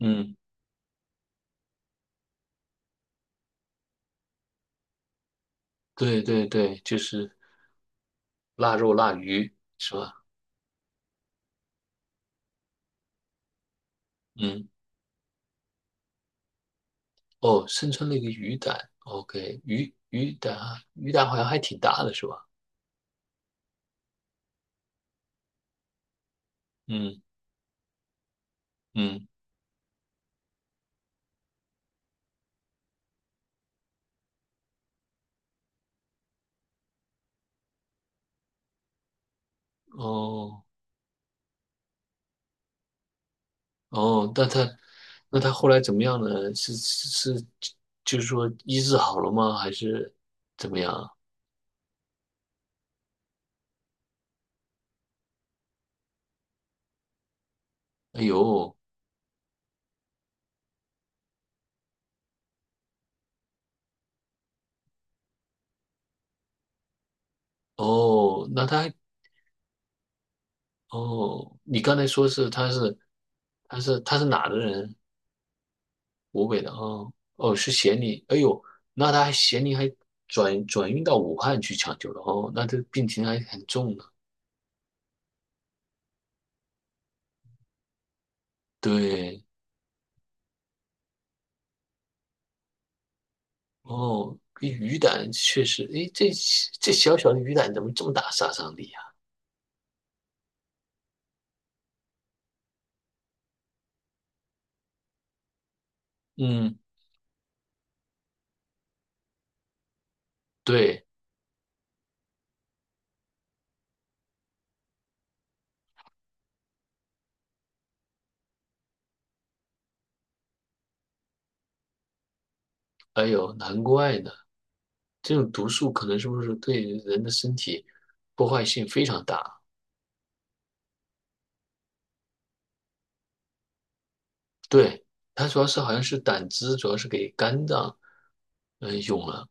嗯，对对对，就是腊肉、腊鱼，是吧？嗯，哦，生吞了一个鱼胆，OK，鱼胆，鱼胆好像还挺大的，是吧？嗯嗯，哦哦，那他那他后来怎么样呢？是是，就是说医治好了吗？还是怎么样？哎呦，哦，那他哦，你刚才说是他是哪的人？湖北的哦哦，是咸宁，哎呦，那他还咸宁还转运到武汉去抢救了哦，那这病情还很重呢。对，哦，跟鱼胆确实，哎，这这小小的鱼胆怎么这么大杀伤力啊？嗯，对，哎呦，难怪呢，这种毒素可能是不是对人的身体破坏性非常大？对，它主要是好像是胆汁，主要是给肝脏嗯用了，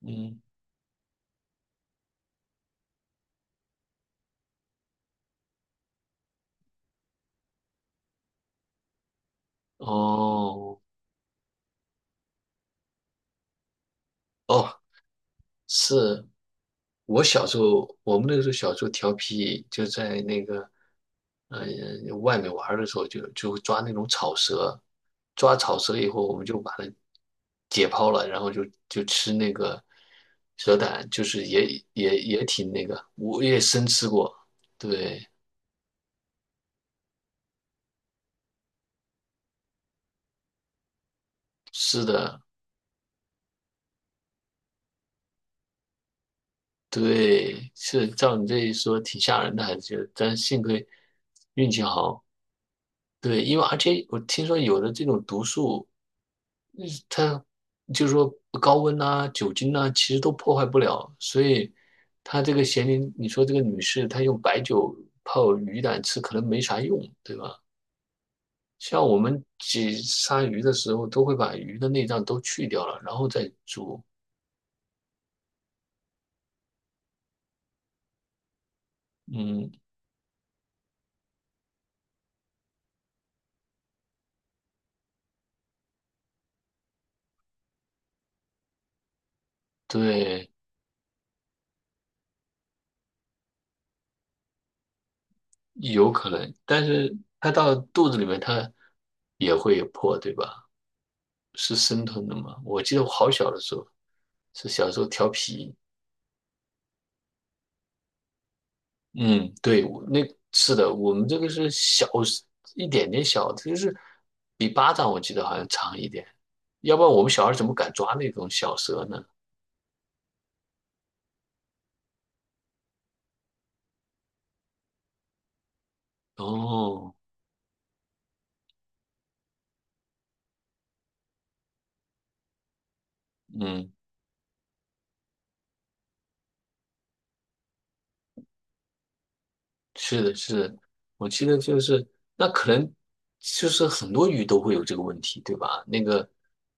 嗯，哦哦。是我小时候，我们那个时候小时候调皮，就在那个，呃，外面玩儿的时候就，就抓那种草蛇，抓草蛇以后，我们就把它解剖了，然后就吃那个蛇胆，就是也挺那个，我也生吃过，对，是的，对，是照你这一说，挺吓人的，还是觉得但幸亏运气好，对，因为而且我听说有的这种毒素。嗯，它就是说高温呐、酒精呐、其实都破坏不了。所以她这个咸宁，你说这个女士她用白酒泡鱼胆吃，可能没啥用，对吧？像我们挤杀鱼的时候，都会把鱼的内脏都去掉了，然后再煮。嗯，对，有可能，但是它到肚子里面，它也会破，对吧？是生吞的嘛？我记得我好小的时候，是小时候调皮，嗯，对，我那是的，我们这个是小一点点小，就是比巴掌我记得好像长一点，要不然我们小孩怎么敢抓那种小蛇呢？哦，嗯，是的，是的，我记得就是那可能就是很多鱼都会有这个问题，对吧？那个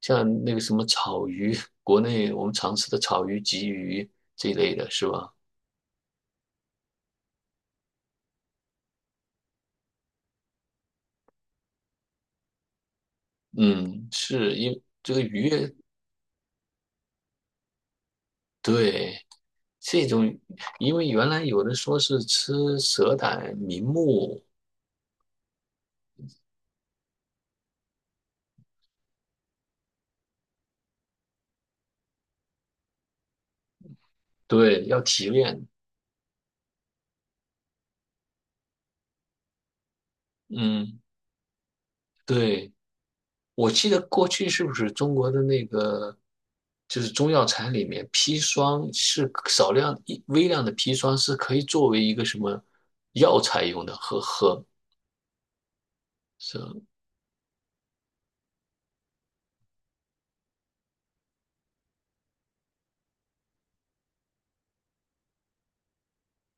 像那个什么草鱼，国内我们常吃的草鱼、鲫鱼这一类的，是吧？嗯，是因为这个鱼，对。这种，因为原来有的说是吃蛇胆、明目，对，要提炼。嗯，对，我记得过去是不是中国的那个，就是中药材里面砒霜是少量一微量的砒霜是可以作为一个什么药材用的，喝喝是啊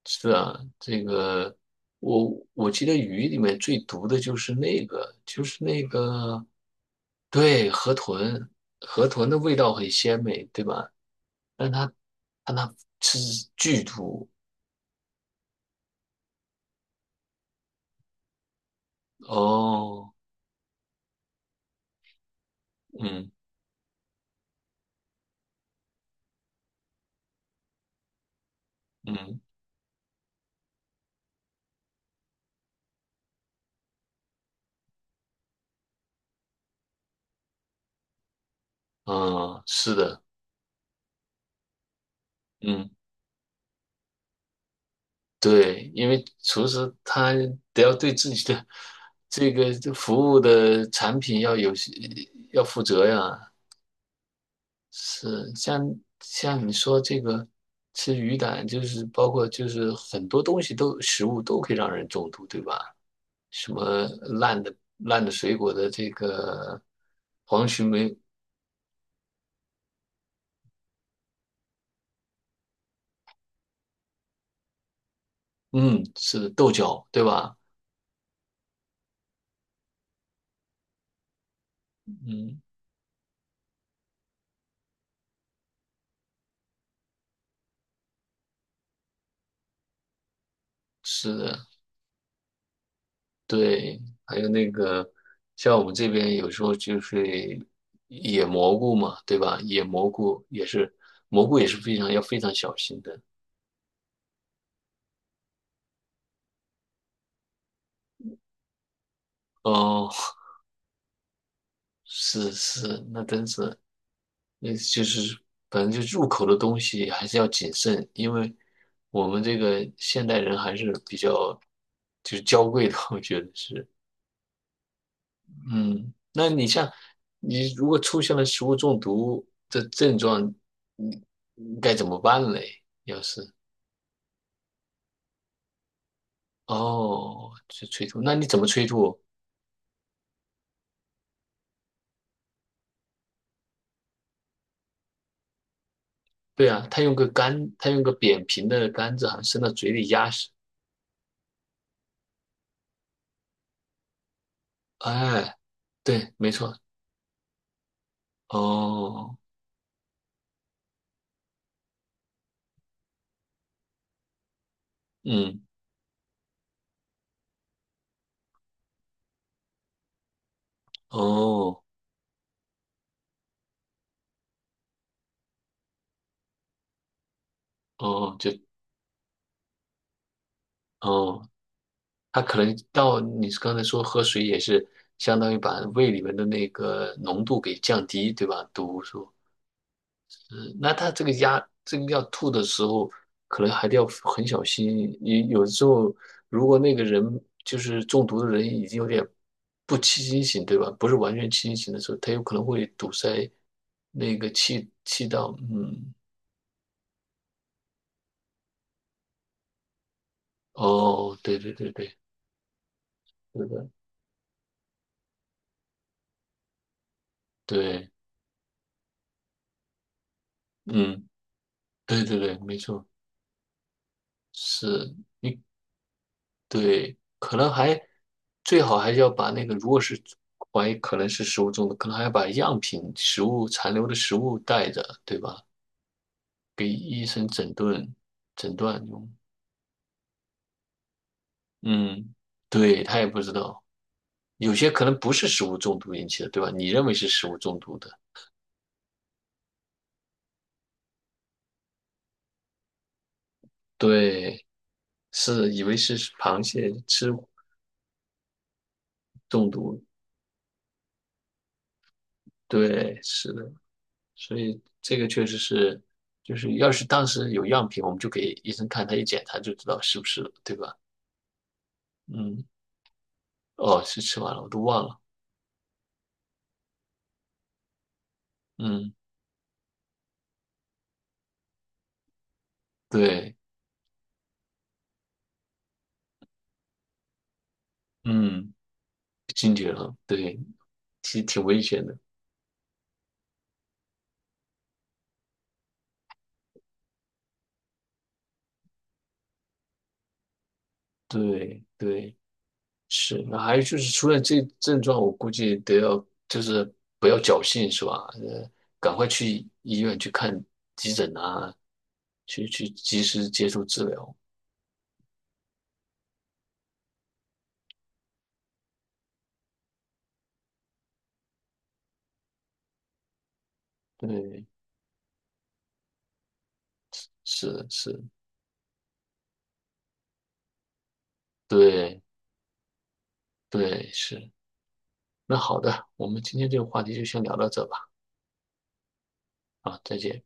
是啊，这个我我记得鱼里面最毒的就是那个，就是那个。对，河豚，河豚的味道很鲜美，对吧？但它，但它吃剧毒哦，嗯嗯嗯，是的，嗯，对，因为厨师他得要对自己的这个这服务的产品要有要负责呀。是，像像你说这个吃鱼胆，就是包括就是很多东西都食物都可以让人中毒，对吧？什么烂的烂的水果的这个黄曲霉，嗯，是的，豆角，对吧？嗯，是的，对，还有那个像我们这边有时候就是野蘑菇嘛，对吧？野蘑菇也是蘑菇也是非常要非常小心的。哦，是是，那真是那就是反正就入口的东西还是要谨慎，因为我们这个现代人还是比较就是娇贵的，我觉得是。嗯，那你像你如果出现了食物中毒的症状，你你该怎么办嘞？要是哦，是催吐，那你怎么催吐？对啊，他用个杆，他用个扁平的杆子，好像伸到嘴里压实。哎，对，没错。哦，嗯，哦，哦，就哦，他可能到你刚才说喝水也是相当于把胃里面的那个浓度给降低，对吧？毒素。嗯，那他这个压，这个要吐的时候，可能还得要很小心。你有时候如果那个人就是中毒的人已经有点不清醒，对吧？不是完全清醒的时候，他有可能会堵塞那个气气道。嗯，哦，对对对对，是的，对，嗯，对对对，没错。是，你对，可能还最好还是要把那个，如果是怀疑可能是食物中毒，可能还要把样品、食物残留的食物带着，对吧？给医生诊断诊断用。嗯，对，他也不知道，有些可能不是食物中毒引起的，对吧？你认为是食物中毒的，对，是以为是螃蟹吃中毒，对，是的。所以这个确实是，就是要是当时有样品，我们就给医生看，他一检查就知道是不是了，对吧？嗯，哦，是吃完了，我都忘了。嗯，对，嗯，惊厥了，对，挺挺危险的，对对是。那还有就是，除了这症状，我估计得要就是不要侥幸，是吧？赶快去医院去看急诊啊，去去及时接受治疗。对，是是，对对是。那好的，我们今天这个话题就先聊到这吧。啊，再见。